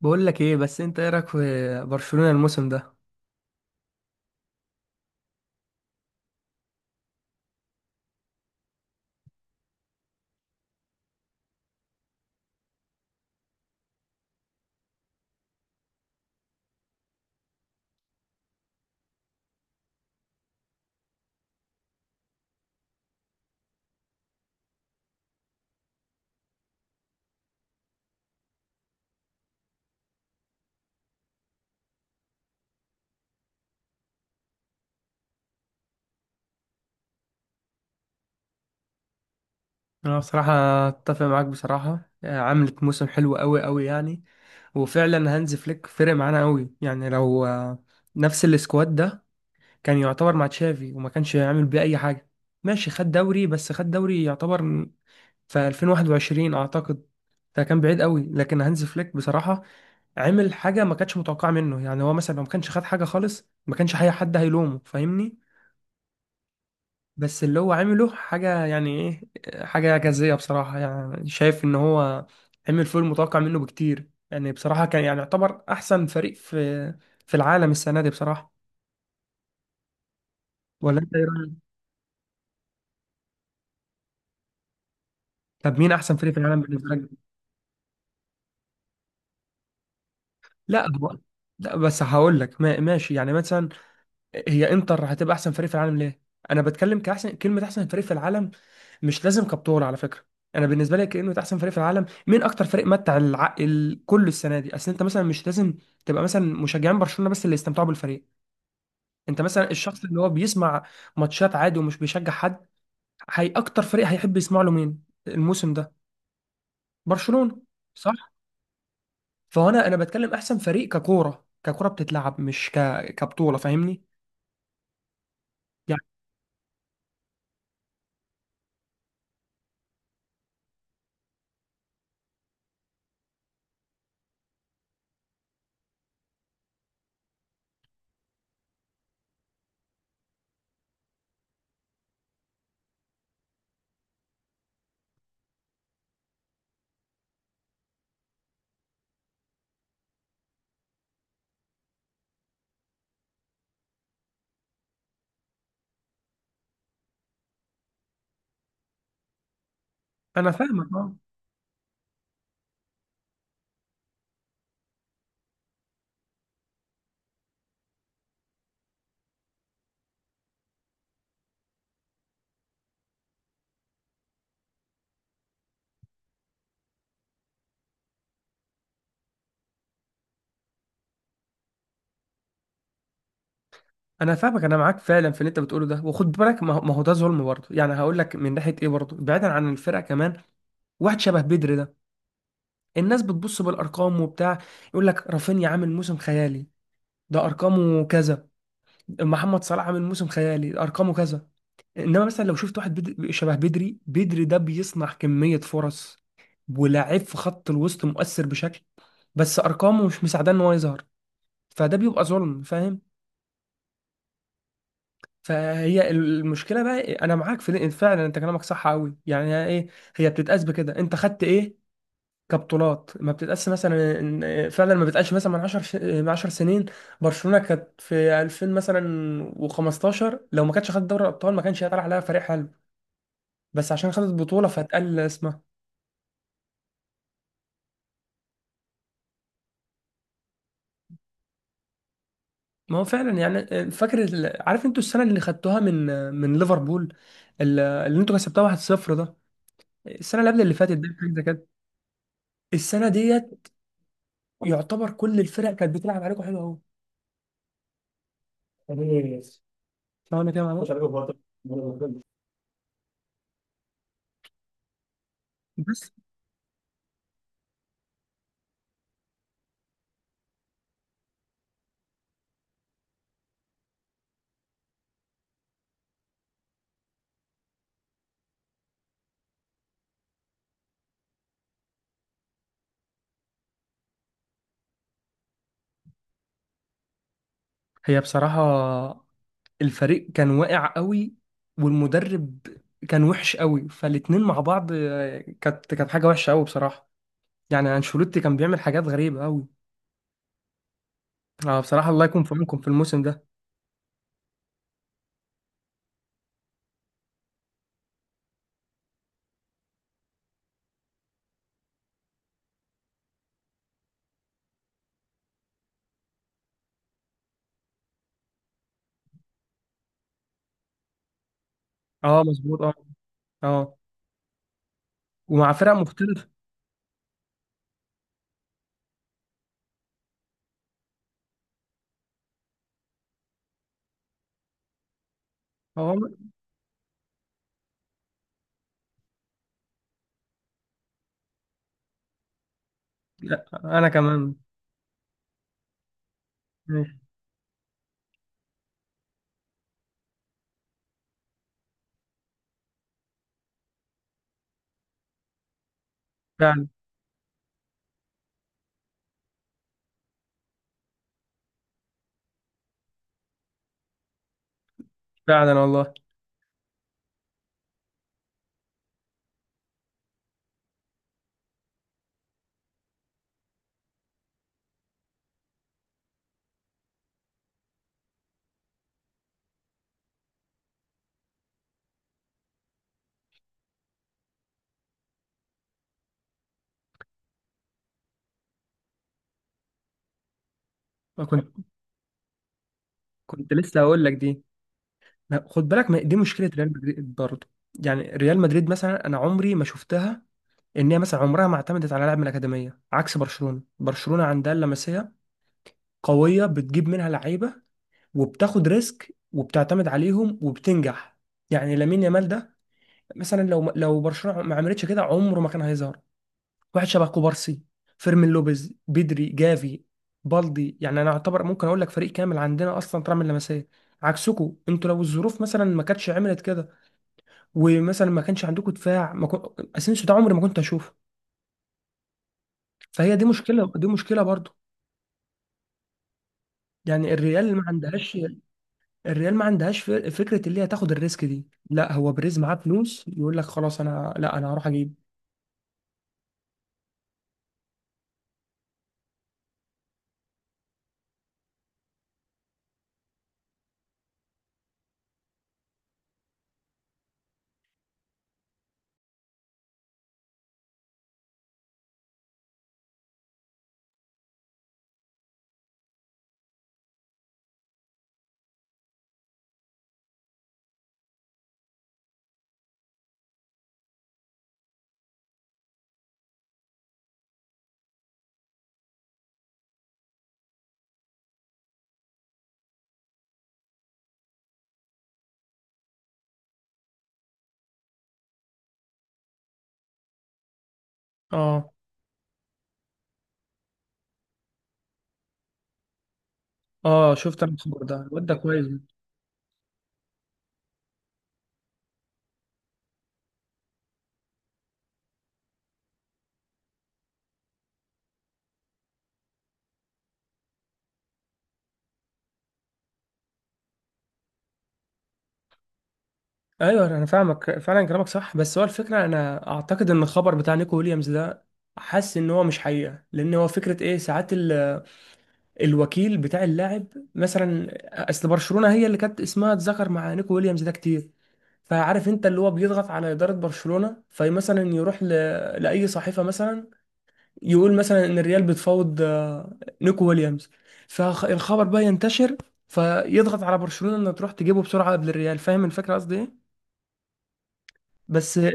بقول لك ايه، بس انت ايه رايك في برشلونة الموسم ده؟ انا بصراحة اتفق معاك بصراحة، عملت موسم حلو قوي قوي يعني. وفعلا هانز فليك فرق معانا قوي، يعني لو نفس السكواد ده كان يعتبر مع تشافي وما كانش يعمل بيه اي حاجة. ماشي، خد دوري، بس خد دوري يعتبر في 2021 اعتقد، فكان بعيد قوي. لكن هانز فليك بصراحة عمل حاجة ما كانتش متوقعة منه. يعني هو مثلا لو ما كانش خد حاجة خالص ما كانش اي حد هيلومه، فاهمني؟ بس اللي هو عمله حاجة، يعني ايه، حاجة إعجازية بصراحة. يعني شايف إن هو عمل فوق المتوقع منه بكتير. يعني بصراحة كان يعني يعتبر أحسن فريق في العالم السنة دي بصراحة. ولا أنت إيه رأيك؟ طب مين أحسن فريق في العالم بالنسبة لك؟ لا هو. لا، بس هقول لك ماشي، يعني مثلا هي إنتر هتبقى أحسن فريق في العالم ليه؟ أنا بتكلم كأحسن كلمة، أحسن فريق في العالم مش لازم كابتور على فكره. انا بالنسبه لي كانه احسن فريق في العالم مين اكتر فريق متع العقل كل السنه دي. اصل انت مثلا مش لازم تبقى مثلا مشجعين برشلونه، بس اللي يستمتعوا بالفريق. انت مثلا الشخص اللي هو بيسمع ماتشات عادي ومش بيشجع حد، هي اكتر فريق هيحب يسمع له مين الموسم ده؟ برشلونه، صح؟ فهنا انا بتكلم احسن فريق ككوره، ككوره بتتلعب، مش كبطوله، فاهمني؟ يعني انا فاهمك اه. انا فاهمك، انا معاك فعلا في اللي انت بتقوله ده. وخد بالك، ما هو ده ظلم برضه، يعني هقول لك من ناحيه ايه برضه بعيدا عن الفرقه كمان. واحد شبه بدري ده، الناس بتبص بالارقام وبتاع، يقول لك رافينيا عامل موسم خيالي، ده ارقامه كذا، محمد صلاح عامل موسم خيالي ده ارقامه كذا. انما مثلا لو شفت واحد بدري، شبه بدري ده، بيصنع كمية فرص ولاعيب في خط الوسط مؤثر بشكل، بس ارقامه مش مساعداه ان هو يظهر. فده بيبقى ظلم، فاهم؟ فهي المشكله بقى. انا معاك في فعلا، انت كلامك صح قوي، يعني ايه، هي بتتقاس بكده، انت خدت ايه كبطولات. ما بتتقاس مثلا، فعلا ما بتقاس مثلا من 10 سنين. برشلونة كانت في 2000 مثلا و15، لو ما كانتش خدت دوري الابطال ما كانش هيطلع عليها فريق حلو، بس عشان خدت بطولة فاتقل اسمها. ما هو فعلا. يعني فاكر عارف انتوا السنة اللي خدتوها من ليفربول، اللي انتوا كسبتوها 1-0 ده، السنة اللي قبل اللي فاتت دي، حاجة زي كده. السنة ديت يعتبر كل الفرق كانت بتلعب عليكم حلو قوي، فاهم انا كده؟ معلش. بس هي بصراحة الفريق كان واقع قوي والمدرب كان وحش قوي، فالاتنين مع بعض كانت حاجة وحشة قوي بصراحة. يعني انشيلوتي كان بيعمل حاجات غريبة قوي. اه بصراحة، الله يكون في عونكم في الموسم ده. اه، مظبوط اه. اه. ومع فرق مختلفة. اه. لا، انا كمان. ماشي. فعلا. فعلا والله. ما كنت، كنت لسه هقول لك دي. لا، خد بالك، ما دي مشكلة ريال مدريد برضه. يعني ريال مدريد مثلا انا عمري ما شفتها ان هي مثلا عمرها ما اعتمدت على لاعب من الاكاديميه، عكس برشلونه. برشلونه عندها اللمسيه قوية، بتجيب منها لعيبة وبتاخد ريسك وبتعتمد عليهم وبتنجح. يعني لامين يامال ده مثلا، لو برشلونة ما عملتش كده عمره ما كان هيظهر. واحد شبه كوبارسي، فيرمين لوبيز، بدري، جافي، بالدي، يعني انا اعتبر ممكن اقول لك فريق كامل عندنا اصلا طالع من اللمسيه، عكسكم انتوا. لو الظروف مثلا ما كانتش عملت كده، ومثلا ما كانش عندكم دفاع، ما كن... اسينسيو ده عمري ما كنت اشوفه. فهي دي مشكله برضو. يعني الريال ما عندهاش، الريال ما عندهاش فكره اللي هي تاخد الريسك دي. لا، هو بريز معاه فلوس، يقول لك خلاص، انا لا، انا هروح اجيب. اه. اه، شفت انا الخبر ده، الواد ده كويس. ايوه انا فاهمك، فعلا كلامك صح. بس هو الفكره، انا اعتقد ان الخبر بتاع نيكو ويليامز ده حاسس ان هو مش حقيقه. لان هو فكره ايه، ساعات الوكيل بتاع اللاعب مثلا، اصل برشلونه هي اللي كانت اسمها اتذكر مع نيكو ويليامز ده كتير. فعارف انت اللي هو بيضغط على اداره برشلونه، فمثلا يروح لاي صحيفه مثلا يقول مثلا ان الريال بتفاوض نيكو ويليامز، فالخبر بقى ينتشر، فيضغط على برشلونة انها تروح تجيبه بسرعة قبل الريال. فاهم الفكرة قصدي ايه؟ بس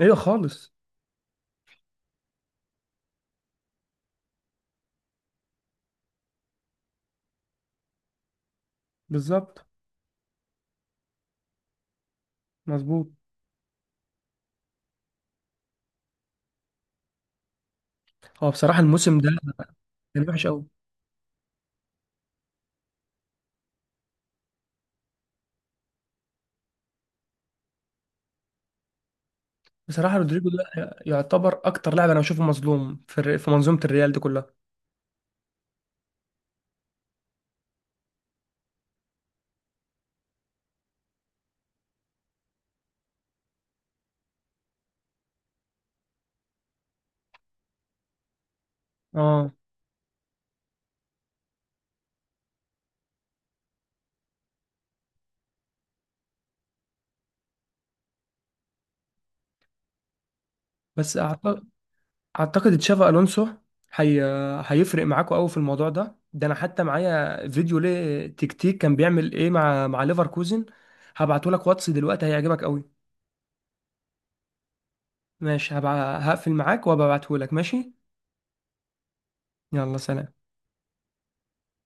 ايوه خالص. بالظبط. مظبوط. هو بصراحة الموسم ده كان وحش قوي. بصراحة رودريجو ده يعتبر اكتر لاعب انا بشوفه مظلوم في منظومة الريال دي كلها. اه. بس اعتقد تشافي الونسو هي... هيفرق معاكوا قوي في الموضوع ده. ده انا حتى معايا فيديو ليه، تكتيك كان بيعمل ايه مع ليفركوزن، هبعته لك واتس دلوقتي، هيعجبك قوي. ماشي، هقفل معاك وهبعته لك، ماشي. يلا سلام.